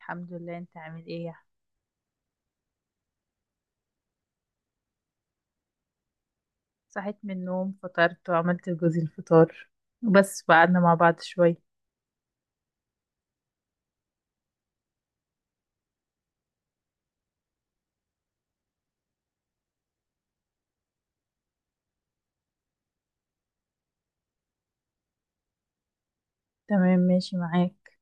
الحمد لله، انت عامل ايه؟ صحيت من النوم، فطرت وعملت لجوزي الفطار، وبس قعدنا مع بعض شوية. تمام، ماشي معاك.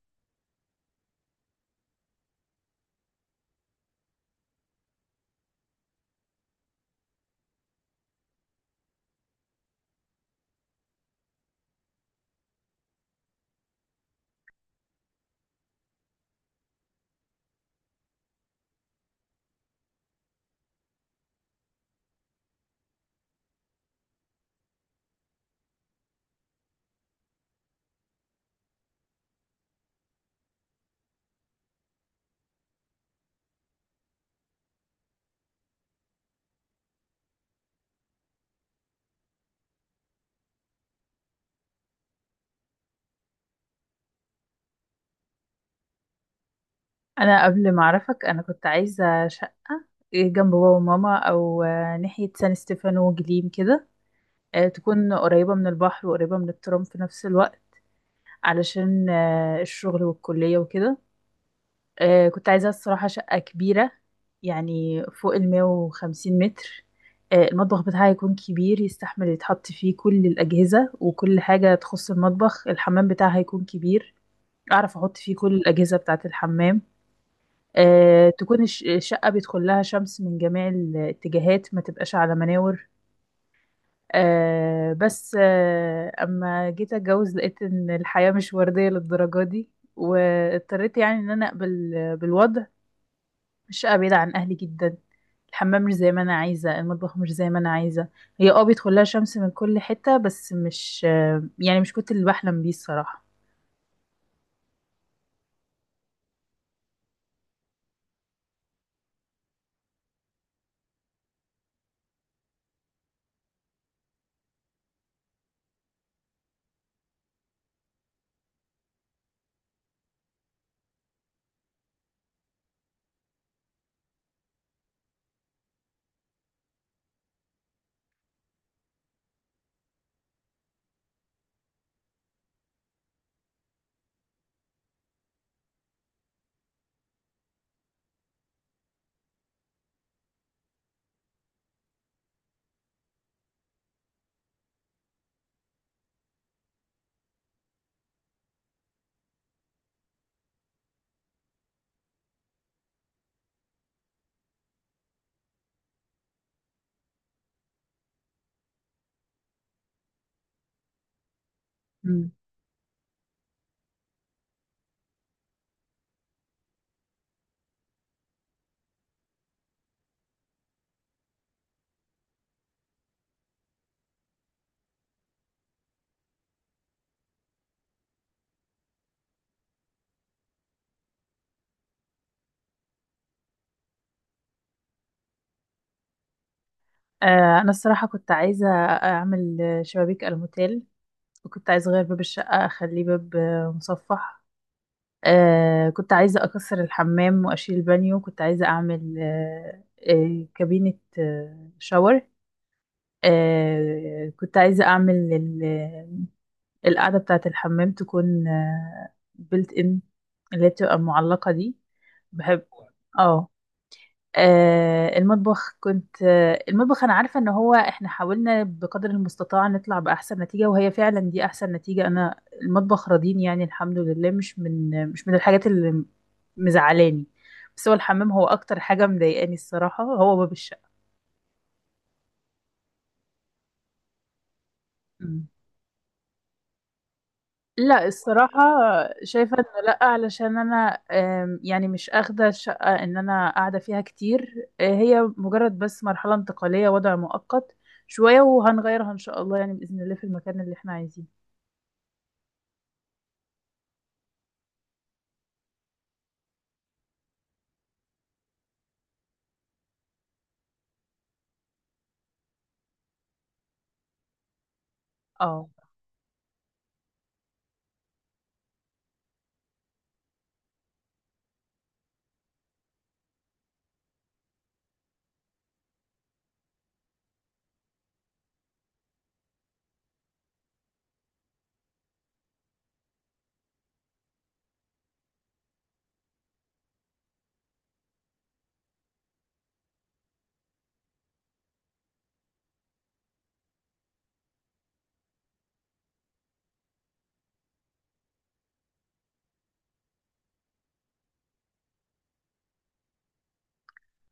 انا قبل ما اعرفك، انا كنت عايزة شقة جنب بابا وماما او ناحية سان ستيفانو وجليم كده. تكون قريبة من البحر وقريبة من الترام في نفس الوقت، علشان الشغل والكلية وكده. كنت عايزة الصراحة شقة كبيرة، يعني فوق 150 متر. المطبخ بتاعها يكون كبير، يستحمل يتحط فيه كل الأجهزة وكل حاجة تخص المطبخ. الحمام بتاعها يكون كبير، أعرف أحط فيه كل الأجهزة بتاعة الحمام. تكون الشقة بيدخل لها شمس من جميع الاتجاهات، ما تبقاش على مناور. بس أما جيت أتجوز لقيت إن الحياة مش وردية للدرجة دي، واضطريت يعني إن أنا أقبل بالوضع. الشقة بعيدة عن أهلي جدا، الحمام مش زي ما أنا عايزة، المطبخ مش زي ما أنا عايزة. هي بيدخل لها شمس من كل حتة، بس مش، يعني مش كنت اللي بحلم بيه الصراحة. مم. أنا الصراحة كنت عايزة أعمل شبابيك الموتيل، وكنت عايزة أغير باب الشقة أخليه باب مصفح. كنت عايزة أكسر الحمام وأشيل البانيو. كنت عايزة أعمل كابينة شاور. كنت عايزة أعمل القاعدة بتاعة الحمام تكون بيلت ان، اللي هي بتبقى معلقة دي. بحب. اه. المطبخ كنت آه، المطبخ انا عارفة ان هو احنا حاولنا بقدر المستطاع نطلع بأحسن نتيجة، وهي فعلا دي احسن نتيجة. انا المطبخ راضيني يعني الحمد لله، مش من الحاجات اللي مزعلاني. بس هو الحمام هو اكتر حاجة مضايقاني الصراحة، هو باب الشقة. لا الصراحة، شايفة انه لا، علشان انا يعني مش اخدة الشقة ان انا قاعدة فيها كتير. هي مجرد بس مرحلة انتقالية، وضع مؤقت، شوية وهنغيرها ان شاء الله، يعني بإذن الله، في المكان اللي احنا عايزينه. اه.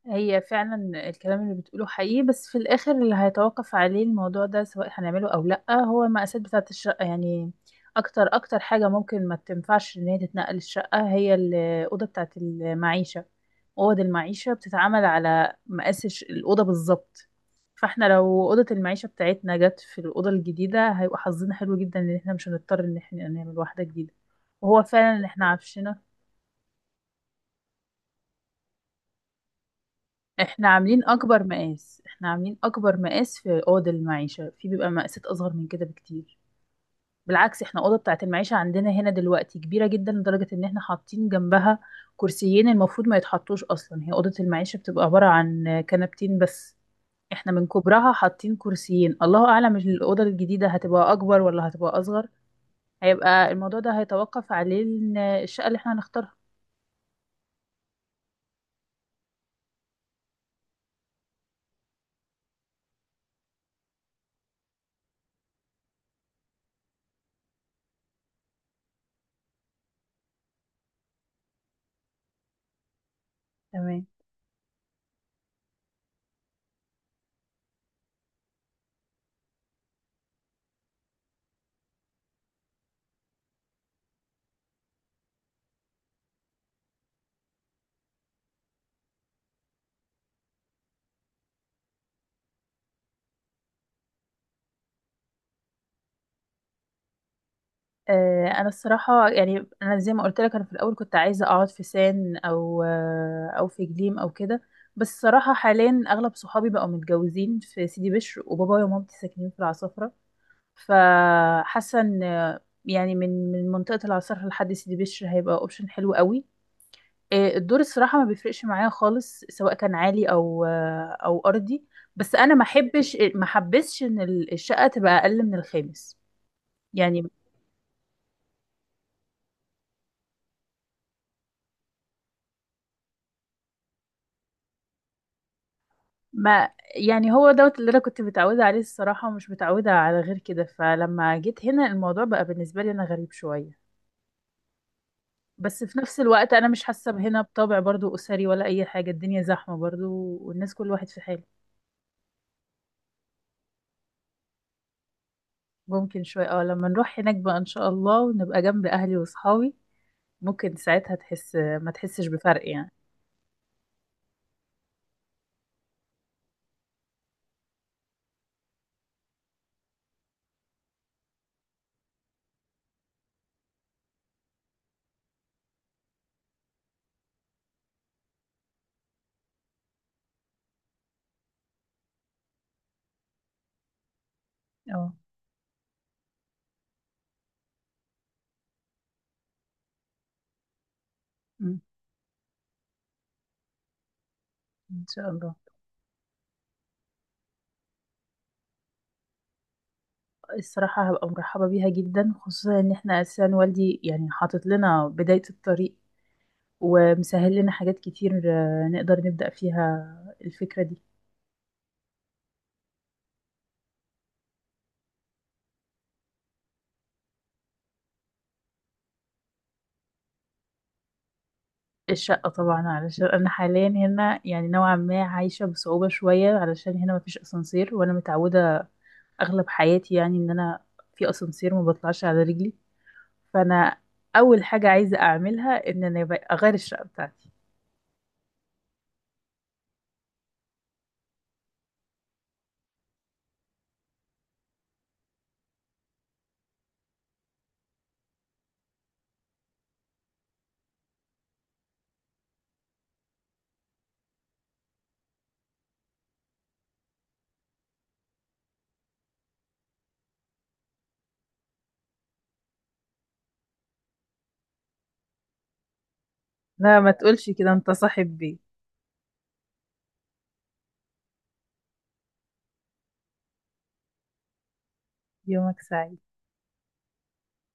هي فعلا الكلام اللي بتقوله حقيقي، بس في الآخر اللي هيتوقف عليه الموضوع ده سواء هنعمله أو لأ هو المقاسات بتاعة الشقة يعني. أكتر أكتر حاجة ممكن ما تنفعش إن هي تتنقل الشقة هي الأوضة بتاعة المعيشة. أوض المعيشة بتتعمل على مقاس الأوضة بالظبط. فاحنا لو أوضة المعيشة بتاعتنا جت في الأوضة الجديدة، هيبقى حظنا حلو جدا إن احنا مش هنضطر إن احنا نعمل واحدة جديدة. وهو فعلا اللي احنا عفشنا. احنا عاملين اكبر مقاس، احنا عاملين اكبر مقاس في اوضه المعيشه، في بيبقى مقاسات اصغر من كده بكتير. بالعكس احنا اوضه بتاعه المعيشه عندنا هنا دلوقتي كبيره جدا، لدرجه ان احنا حاطين جنبها كرسيين المفروض ما يتحطوش اصلا. هي اوضه المعيشه بتبقى عباره عن كنبتين بس، احنا من كبرها حاطين كرسيين. الله اعلم الاوضه الجديده هتبقى اكبر ولا هتبقى اصغر، هيبقى الموضوع ده هيتوقف عليه إن الشقه اللي احنا هنختارها. تمام. انا الصراحه يعني انا زي ما قلت لك، انا في الاول كنت عايزه اقعد في سان او في جليم او كده. بس الصراحه حاليا اغلب صحابي بقوا متجوزين في سيدي بشر، وبابايا ومامتي ساكنين في العصافره. فحاسه ان يعني من منطقه العصافره لحد سيدي بشر هيبقى اوبشن حلو قوي. الدور الصراحه ما بيفرقش معايا خالص، سواء كان عالي او ارضي. بس انا ما حبسش ان الشقه تبقى اقل من الخامس يعني. ما يعني هو دوت اللي انا كنت متعوده عليه الصراحه، ومش متعوده على غير كده، فلما جيت هنا الموضوع بقى بالنسبه لي انا غريب شويه. بس في نفس الوقت انا مش حاسه هنا بطابع برضو اسري ولا اي حاجه، الدنيا زحمه برضو والناس كل واحد في حاله. ممكن شويه، اه لما نروح هناك بقى ان شاء الله، ونبقى جنب اهلي واصحابي ممكن ساعتها تحس ما تحسش بفرق يعني. اه. أمم. ان شاء الله. الصراحه هبقى مرحبه بيها جدا، خصوصا ان احنا اساسا والدي يعني حاطط لنا بدايه الطريق، ومسهل لنا حاجات كتير، نقدر نبدأ فيها الفكرة دي. الشقة طبعا، علشان أنا حاليا هنا يعني نوعا ما عايشة بصعوبة شوية، علشان هنا مفيش أسانسير، وأنا متعودة أغلب حياتي يعني إن أنا في أسانسير ما بطلعش على رجلي. فأنا أول حاجة عايزة أعملها إن أنا أغير الشقة بتاعتي. لا ما تقولش كده، أنت صاحب بيت. يومك سعيد.